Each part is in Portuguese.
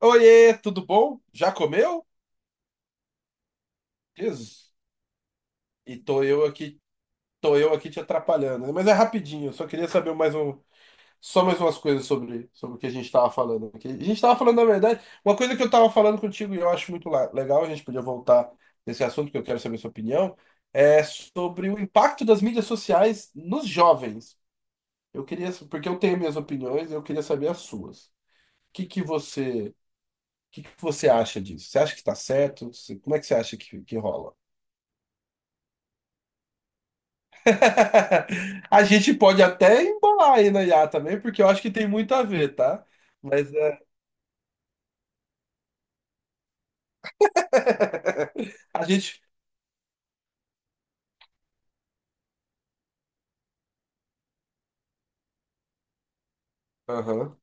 Oiê, tudo bom? Já comeu? Jesus. E tô eu aqui te atrapalhando, né? Mas é rapidinho, eu só queria só mais umas coisas sobre o que a gente tava falando aqui. A gente tava falando, na verdade, uma coisa que eu tava falando contigo e eu acho muito legal, a gente podia voltar nesse assunto que eu quero saber sua opinião, é sobre o impacto das mídias sociais nos jovens. Eu queria, porque eu tenho minhas opiniões, eu queria saber as suas. O que que você acha disso? Você acha que tá certo? Como é que você acha que rola? A gente pode até embolar aí na IA também, porque eu acho que tem muito a ver, tá? Mas é. A gente. Aham,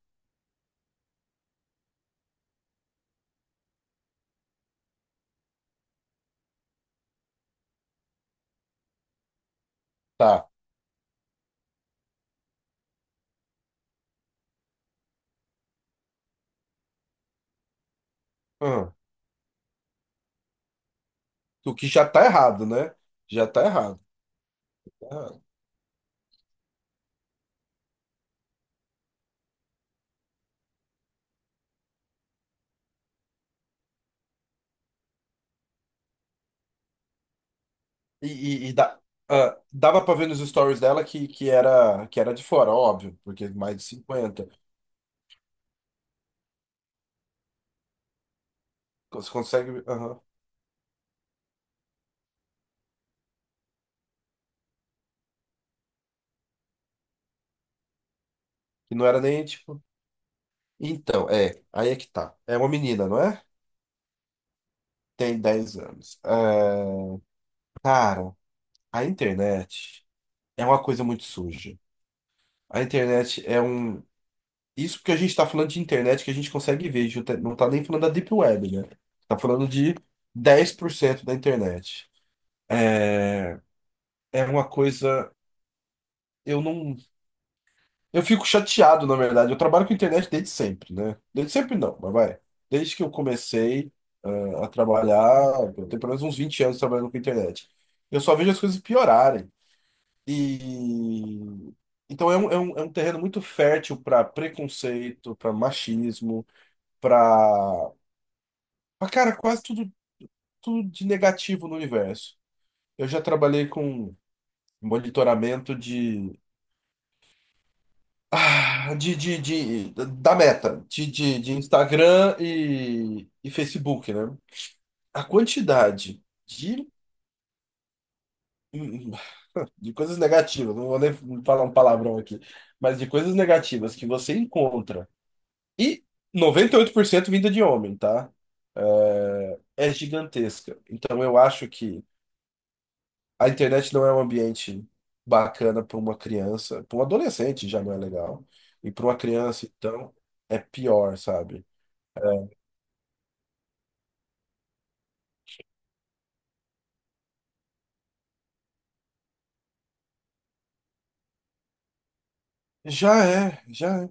tá. Aham. O que já tá errado, né? Já tá errado, tá errado. E, e- e dá- Dava pra ver nos stories dela que era de fora, óbvio, porque mais de cinquenta. Você consegue. Aham. Que não era nem tipo. Então, é. Aí é que tá. É uma menina, não é? Tem 10 anos. É, cara, a internet é uma coisa muito suja. A internet é um. Isso porque a gente está falando de internet que a gente consegue ver, a gente não tá nem falando da Deep Web, né? Tá falando de 10% da internet. É, é uma coisa. Eu não. Eu fico chateado, na verdade. Eu trabalho com internet desde sempre, né? Desde sempre não, mas vai. Desde que eu comecei, a trabalhar, eu tenho pelo menos uns 20 anos trabalhando com internet. Eu só vejo as coisas piorarem. E então é um terreno muito fértil para preconceito, para machismo, para cara, quase tudo, tudo de negativo no universo. Eu já trabalhei com monitoramento de, ah, de- da meta, de Instagram e Facebook, né? A quantidade de coisas negativas, não vou nem falar um palavrão aqui, mas de coisas negativas que você encontra, e 98% vinda de homem, tá? É, é gigantesca. Então eu acho que a internet não é um ambiente bacana para uma criança, para um adolescente já não é legal. E para uma criança, então, é pior, sabe? Já é, já é.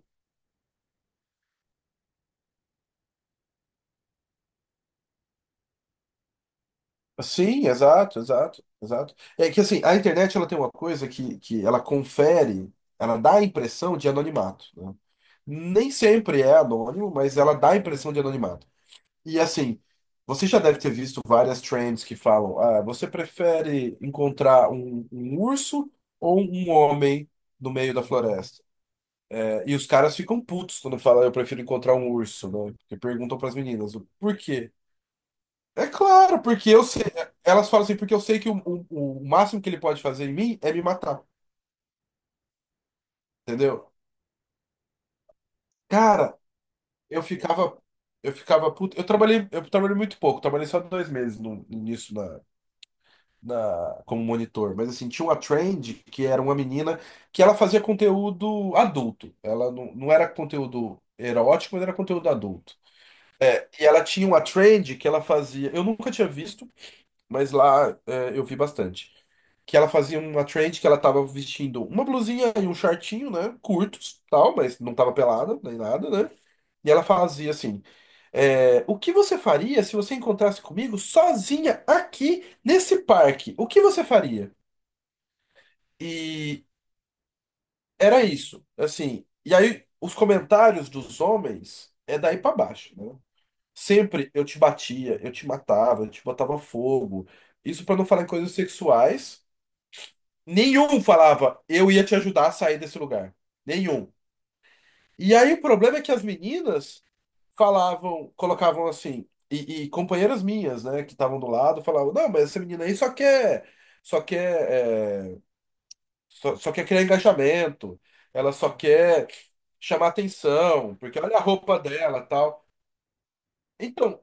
Sim, exato, exato, exato. É que assim, a internet ela tem uma coisa que ela confere, ela dá a impressão de anonimato, né? Nem sempre é anônimo, mas ela dá a impressão de anonimato. E assim, você já deve ter visto várias trends que falam: ah, você prefere encontrar um urso ou um homem no meio da floresta? É, e os caras ficam putos quando falam: eu prefiro encontrar um urso, né? Porque perguntam para as meninas: por quê? É claro, porque eu sei. Elas falam assim: porque eu sei que o máximo que ele pode fazer em mim é me matar, entendeu? Cara, eu ficava. Eu ficava puto. Eu trabalhei muito pouco, trabalhei só 2 meses no, nisso na- como monitor, mas assim, tinha uma trend que era uma menina que ela fazia conteúdo adulto. Ela não era conteúdo erótico, mas era conteúdo adulto. E ela tinha uma trend que ela fazia. Eu nunca tinha visto, mas lá, eu vi bastante. Que ela fazia uma trend que ela tava vestindo uma blusinha e um shortinho, né? Curtos, tal, mas não tava pelada nem nada, né? E ela fazia assim. É, o que você faria se você encontrasse comigo sozinha aqui nesse parque? O que você faria? E era isso, assim. E aí, os comentários dos homens é daí pra baixo, né? Sempre eu te batia, eu te matava, eu te botava fogo. Isso pra não falar em coisas sexuais. Nenhum falava, eu ia te ajudar a sair desse lugar. Nenhum. E aí, o problema é que as meninas falavam, colocavam assim, e companheiras minhas, né, que estavam do lado, falavam, não, mas essa menina aí só quer, só quer. Só quer criar engajamento, ela só quer chamar atenção, porque olha a roupa dela, tal. Então,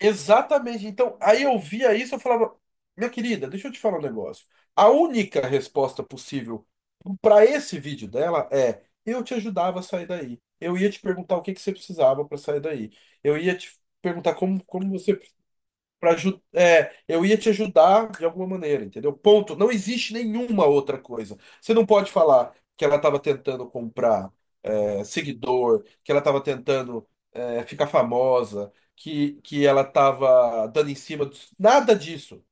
exatamente. Então, aí eu via isso, eu falava, minha querida, deixa eu te falar um negócio. A única resposta possível para esse vídeo dela é: eu te ajudava a sair daí. Eu ia te perguntar o que que você precisava para sair daí. Eu ia te perguntar como você eu ia te ajudar de alguma maneira, entendeu? Ponto. Não existe nenhuma outra coisa. Você não pode falar que ela estava tentando comprar seguidor, que ela estava tentando ficar famosa, que ela estava dando em cima dos... Nada disso.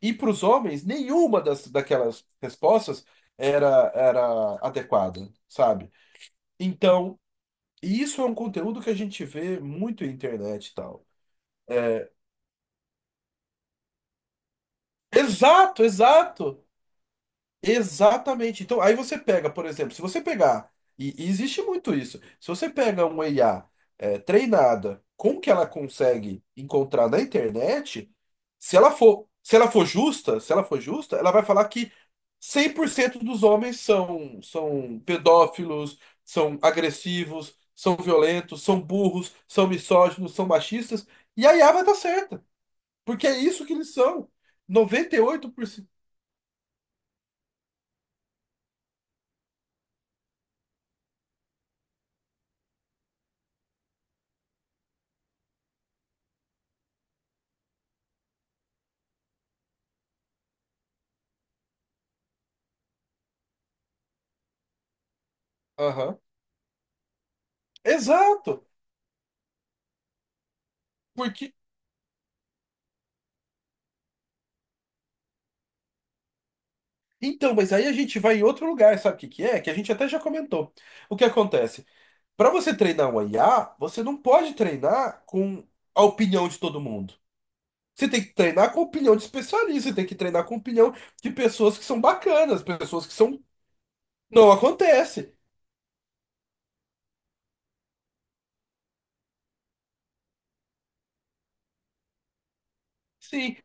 E para os homens, daquelas respostas era adequada, sabe? Então, isso é um conteúdo que a gente vê muito na internet e tal. Exato, exato. Exatamente. Então, aí você pega, por exemplo, se você pegar, e existe muito isso, se você pega uma IA treinada com o que ela consegue encontrar na internet, se ela for justa, se ela for justa, ela vai falar que 100% dos homens são pedófilos, são agressivos, são violentos, são burros, são misóginos, são machistas, e a IA vai estar certa, porque é isso que eles são. 98%. Aham. Exato. Porque. Então, mas aí a gente vai em outro lugar, sabe o que que é? Que a gente até já comentou. O que acontece? Para você treinar um IA, você não pode treinar com a opinião de todo mundo. Você tem que treinar com a opinião de especialista, você tem que treinar com a opinião de pessoas que são bacanas, pessoas que são. Não acontece. Sim.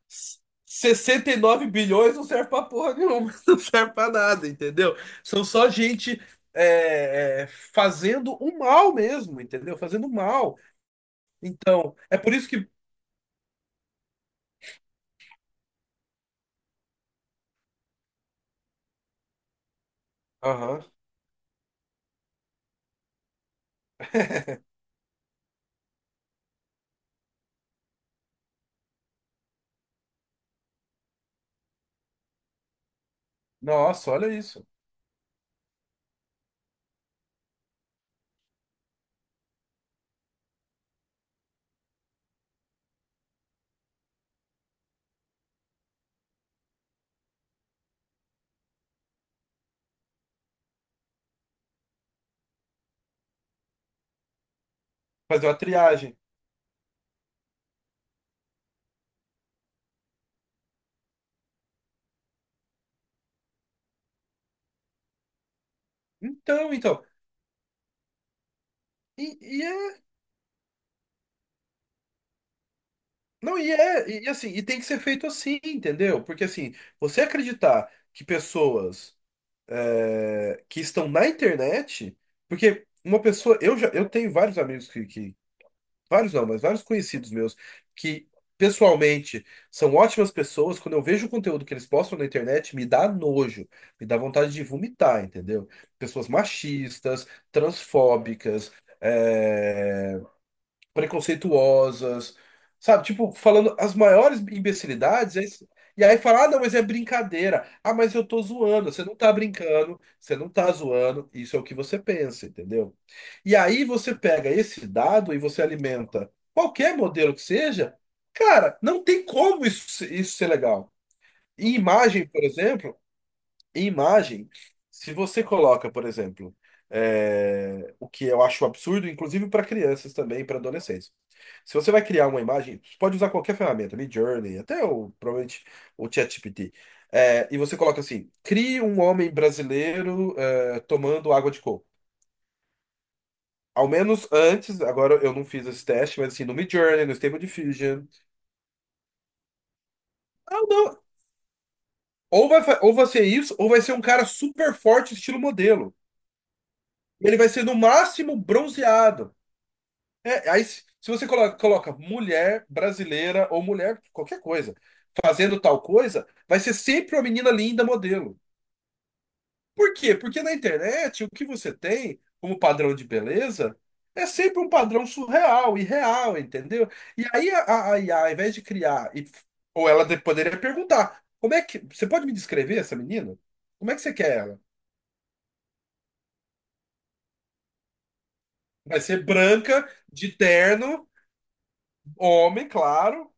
69 bilhões não serve pra porra nenhuma, não serve pra nada, entendeu? São só gente fazendo o mal mesmo, entendeu? Fazendo mal. Então, é por isso que. Aham. Nossa, olha isso. Fazer uma triagem. Então, então. E é. Não, e é. E assim, e tem que ser feito assim, entendeu? Porque assim, você acreditar que pessoas que estão na internet. Porque uma pessoa. Eu tenho vários amigos que vários não, mas vários conhecidos meus que pessoalmente são ótimas pessoas, quando eu vejo o conteúdo que eles postam na internet, me dá nojo, me dá vontade de vomitar, entendeu? Pessoas machistas, transfóbicas, eh, preconceituosas, sabe? Tipo, falando as maiores imbecilidades, e aí fala, ah, não, mas é brincadeira. Ah, mas eu tô zoando. Você não tá brincando, você não tá zoando. Isso é o que você pensa, entendeu? E aí você pega esse dado e você alimenta qualquer modelo que seja, cara, não tem como isso ser legal. Em imagem, por exemplo. E imagem, se você coloca, por exemplo, o que eu acho absurdo, inclusive para crianças também, para adolescentes. Se você vai criar uma imagem, você pode usar qualquer ferramenta, Midjourney, até o, provavelmente o ChatGPT. É, e você coloca assim: crie um homem brasileiro tomando água de coco. Ao menos antes, agora eu não fiz esse teste, mas assim, no Midjourney, no Stable Diffusion. Ah, não. Ou vai ser isso, ou vai ser um cara super forte, estilo modelo. Ele vai ser no máximo bronzeado. É, aí, se você coloca, mulher brasileira ou mulher, qualquer coisa, fazendo tal coisa, vai ser sempre uma menina linda modelo. Por quê? Porque na internet o que você tem como padrão de beleza é sempre um padrão surreal, irreal, entendeu? E aí a IA, ao invés de criar, ou ela poderia perguntar: como é que. Você pode me descrever essa menina? Como é que você quer ela? Vai ser branca, de terno, homem, claro.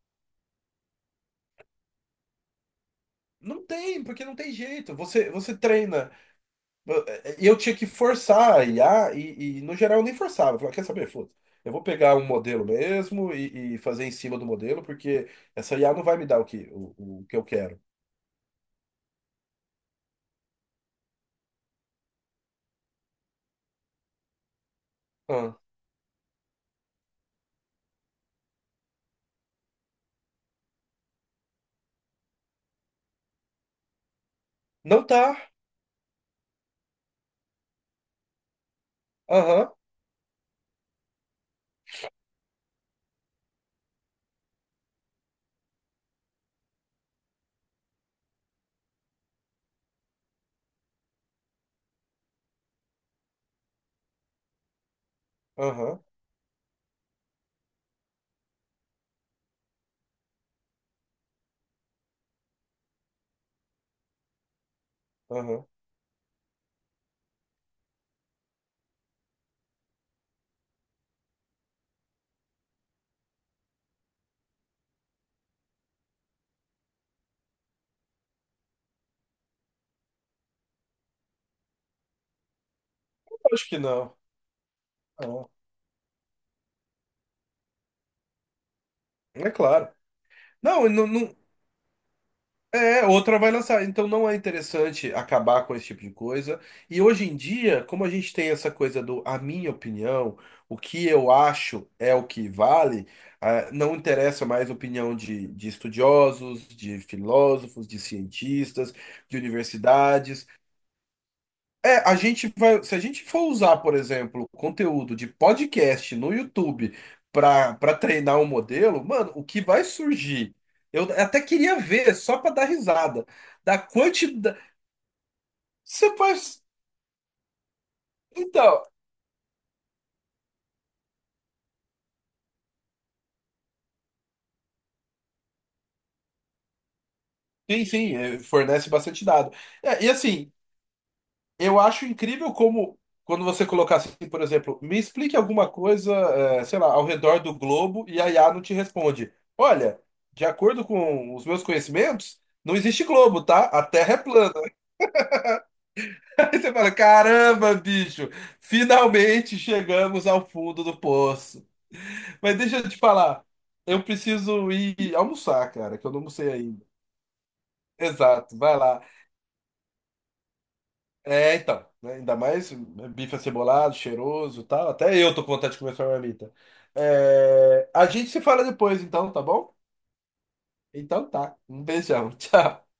Não tem, porque não tem jeito. Você treina. E eu tinha que forçar a IA, e no geral eu nem forçava. Eu falava, quer saber, foda. Eu vou pegar um modelo mesmo e fazer em cima do modelo, porque essa IA não vai me dar o que eu quero. Ah, não tá. Aham, aham, aham. Acho que não. É claro. Não, não, não, é, outra vai lançar. Então não é interessante acabar com esse tipo de coisa. E hoje em dia, como a gente tem essa coisa do a minha opinião, o que eu acho é o que vale, ah, não interessa mais a opinião de estudiosos, de filósofos, de cientistas, de universidades. É, a gente vai, se a gente for usar, por exemplo, conteúdo de podcast no YouTube para treinar um modelo, mano, o que vai surgir? Eu até queria ver, só para dar risada, da quantidade. Você faz. Então, enfim, fornece bastante dado. É, e assim, eu acho incrível como, quando você colocar assim, por exemplo, me explique alguma coisa, sei lá, ao redor do globo e a IA não te responde. Olha, de acordo com os meus conhecimentos, não existe globo, tá? A Terra é plana. Aí você fala, caramba, bicho, finalmente chegamos ao fundo do poço. Mas deixa eu te falar, eu preciso ir almoçar, cara, que eu não almocei ainda. Exato, vai lá. É, então, né? Ainda mais né, bife acebolado, cheiroso e tal. Até eu tô com vontade de comer essa marmita. É, a gente se fala depois, então, tá bom? Então tá. Um beijão. Tchau.